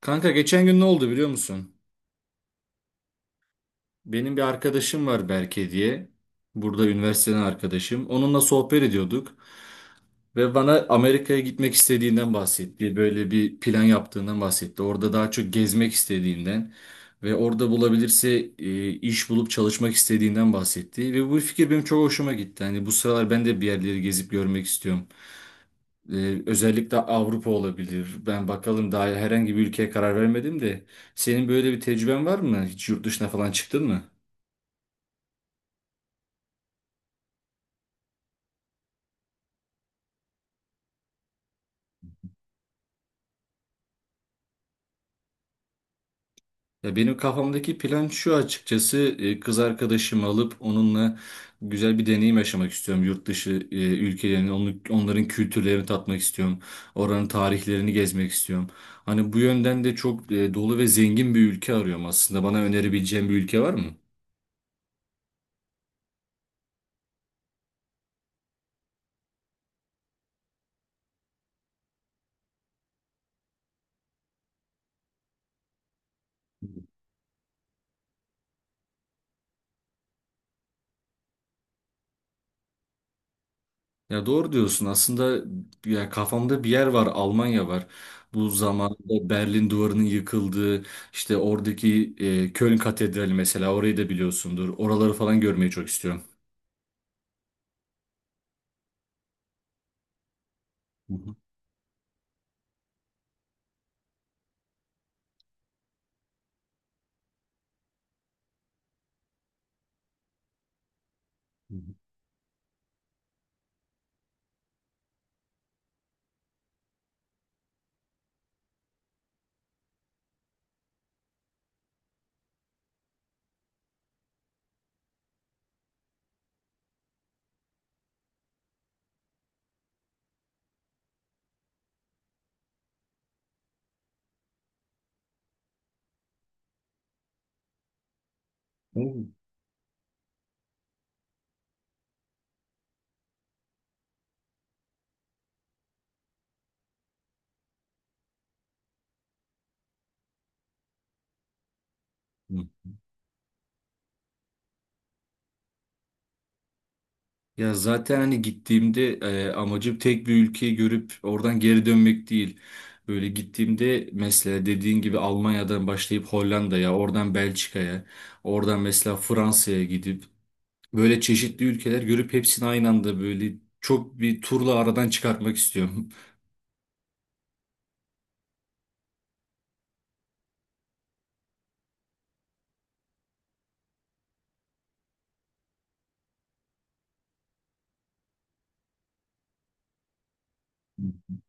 Kanka geçen gün ne oldu biliyor musun? Benim bir arkadaşım var Berke diye. Burada üniversiteden arkadaşım. Onunla sohbet ediyorduk ve bana Amerika'ya gitmek istediğinden bahsetti. Böyle bir plan yaptığından bahsetti. Orada daha çok gezmek istediğinden ve orada bulabilirse iş bulup çalışmak istediğinden bahsetti. Ve bu fikir benim çok hoşuma gitti. Hani bu sıralar ben de bir yerleri gezip görmek istiyorum. Özellikle Avrupa olabilir. Ben bakalım daha herhangi bir ülkeye karar vermedim de. Senin böyle bir tecrüben var mı? Hiç yurt dışına falan çıktın mı? Ya benim kafamdaki plan şu açıkçası kız arkadaşımı alıp onunla güzel bir deneyim yaşamak istiyorum. Yurt dışı ülkelerini, onların kültürlerini tatmak istiyorum. Oranın tarihlerini gezmek istiyorum. Hani bu yönden de çok dolu ve zengin bir ülke arıyorum aslında. Bana önerebileceğin bir ülke var mı? Ya doğru diyorsun. Aslında ya kafamda bir yer var, Almanya var. Bu zamanında Berlin Duvarı'nın yıkıldığı, işte oradaki Köln Katedrali mesela orayı da biliyorsundur. Oraları falan görmeyi çok istiyorum. Hı hı, hı hı. Hı. Ya zaten hani gittiğimde amacım tek bir ülkeyi görüp oradan geri dönmek değil. Böyle gittiğimde mesela dediğin gibi Almanya'dan başlayıp Hollanda'ya, oradan Belçika'ya, oradan mesela Fransa'ya gidip böyle çeşitli ülkeler görüp hepsini aynı anda böyle çok bir turla aradan çıkartmak istiyorum.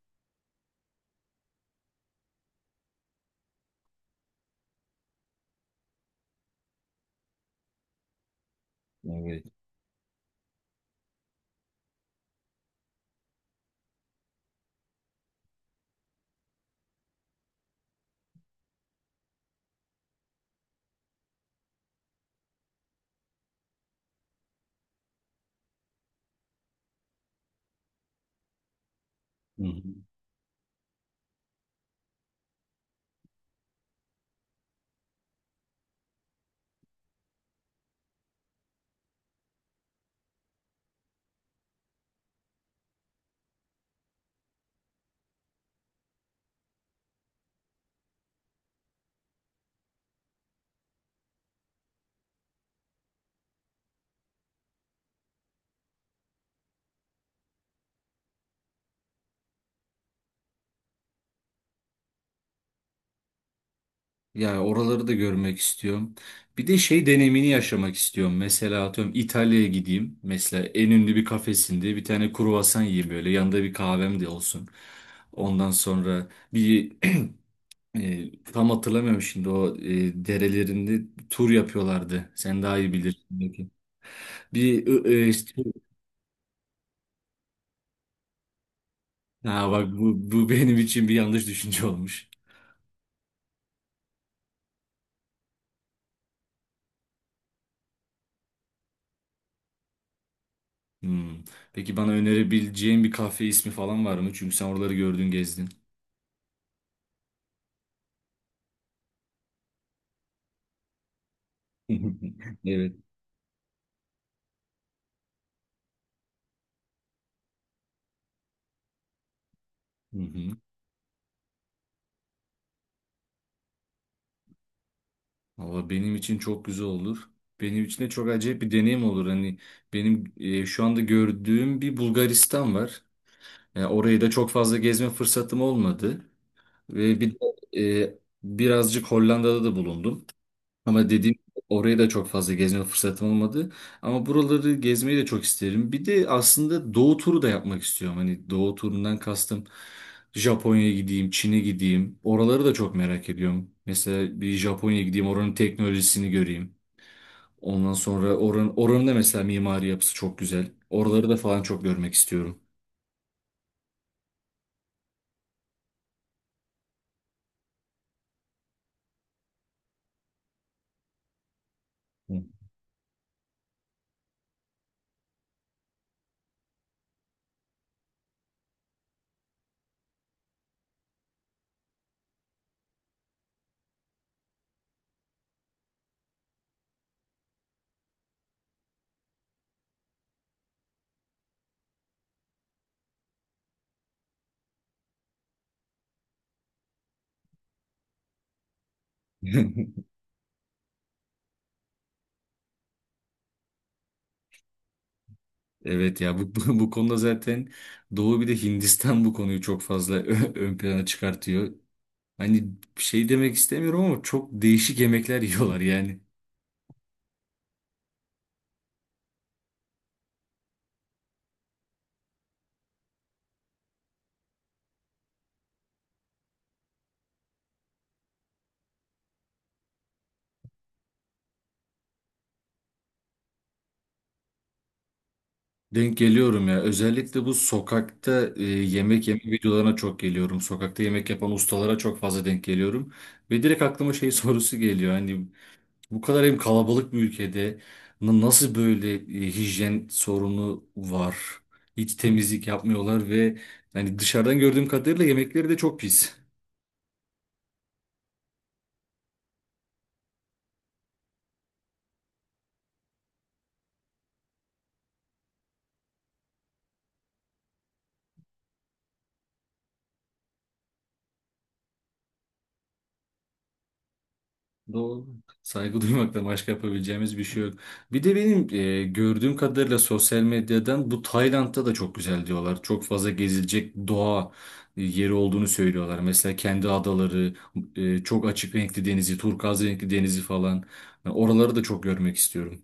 Evet. Hı hı. Yani oraları da görmek istiyorum. Bir de şey deneyimini yaşamak istiyorum. Mesela atıyorum İtalya'ya gideyim. Mesela en ünlü bir kafesinde bir tane kruvasan yiyeyim böyle. Yanında bir kahvem de olsun. Ondan sonra bir tam hatırlamıyorum şimdi o derelerinde tur yapıyorlardı. Sen daha iyi bilirsin belki. Bir e, e, Ha bak bu benim için bir yanlış düşünce olmuş. Hmm. Peki bana önerebileceğin bir kafe ismi falan var mı? Çünkü sen oraları gördün, gezdin. Evet. Hı hı. Valla benim için çok güzel olur. Benim için de çok acayip bir deneyim olur. Hani benim şu anda gördüğüm bir Bulgaristan var. Yani orayı da çok fazla gezme fırsatım olmadı. Ve bir de, birazcık Hollanda'da da bulundum. Ama dediğim gibi oraya da çok fazla gezme fırsatım olmadı. Ama buraları gezmeyi de çok isterim. Bir de aslında doğu turu da yapmak istiyorum. Hani doğu turundan kastım Japonya'ya gideyim, Çin'e gideyim. Oraları da çok merak ediyorum. Mesela bir Japonya'ya gideyim, oranın teknolojisini göreyim. Ondan sonra oranın da mesela mimari yapısı çok güzel. Oraları da falan çok görmek istiyorum. Hı. Evet ya bu konuda zaten doğu bir de Hindistan bu konuyu çok fazla ön plana çıkartıyor. Hani bir şey demek istemiyorum ama çok değişik yemekler yiyorlar yani. Denk geliyorum ya. Özellikle bu sokakta yemek yeme videolarına çok geliyorum. Sokakta yemek yapan ustalara çok fazla denk geliyorum. Ve direkt aklıma şey sorusu geliyor. Hani bu kadar hem kalabalık bir ülkede nasıl böyle hijyen sorunu var? Hiç temizlik yapmıyorlar ve hani dışarıdan gördüğüm kadarıyla yemekleri de çok pis. Doğru. Saygı duymaktan başka yapabileceğimiz bir şey yok. Bir de benim gördüğüm kadarıyla sosyal medyadan bu Tayland'da da çok güzel diyorlar. Çok fazla gezilecek doğa yeri olduğunu söylüyorlar. Mesela kendi adaları, çok açık renkli denizi, turkuaz renkli denizi falan. Ben oraları da çok görmek istiyorum.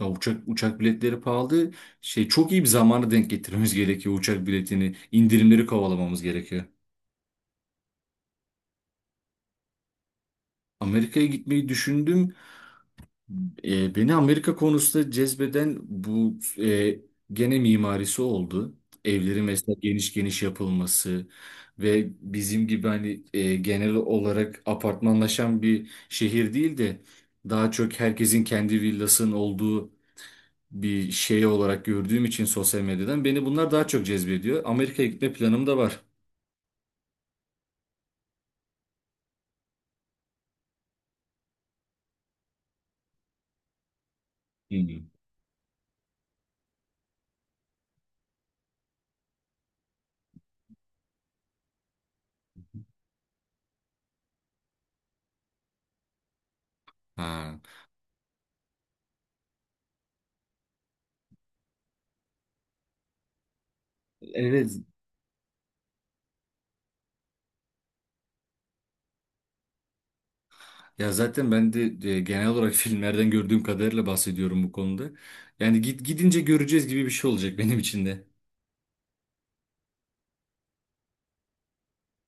Ya uçak biletleri pahalı. Şey çok iyi bir zamanı denk getirmemiz gerekiyor uçak biletini. İndirimleri kovalamamız gerekiyor. Amerika'ya gitmeyi düşündüm. Beni Amerika konusunda cezbeden e, gene mimarisi oldu. Evleri mesela geniş geniş yapılması ve bizim gibi hani genel olarak apartmanlaşan bir şehir değil de daha çok herkesin kendi villasının olduğu bir şey olarak gördüğüm için sosyal medyadan beni bunlar daha çok cezbediyor. Amerika'ya gitme planım da var. Hmm. Ha. Evet. Ya zaten ben de genel olarak filmlerden gördüğüm kadarıyla bahsediyorum bu konuda. Yani git gidince göreceğiz gibi bir şey olacak benim için de.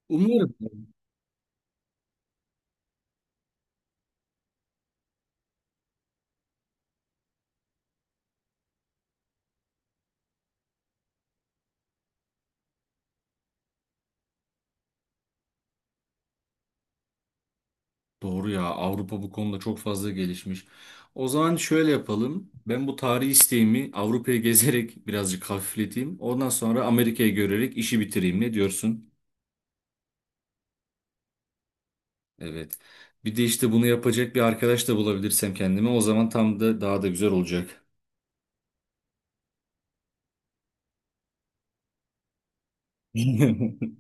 Umarım. Doğru ya, Avrupa bu konuda çok fazla gelişmiş. O zaman şöyle yapalım. Ben bu tarihi isteğimi Avrupa'yı gezerek birazcık hafifleteyim. Ondan sonra Amerika'yı görerek işi bitireyim. Ne diyorsun? Evet. Bir de işte bunu yapacak bir arkadaş da bulabilirsem kendime o zaman tam da daha da güzel olacak.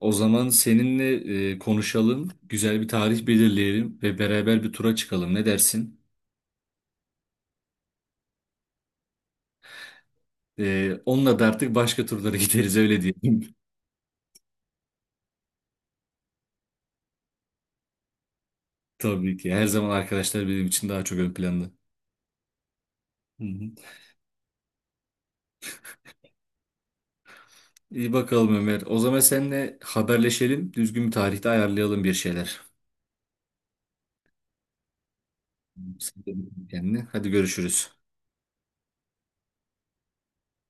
O zaman seninle konuşalım, güzel bir tarih belirleyelim ve beraber bir tura çıkalım. Ne dersin? Onunla da artık başka turlara gideriz öyle diyelim. Tabii ki. Her zaman arkadaşlar benim için daha çok ön planda. Hı hı. İyi bakalım Ömer. O zaman seninle haberleşelim. Düzgün bir tarihte ayarlayalım bir şeyler. Sen de kendine. Hadi görüşürüz.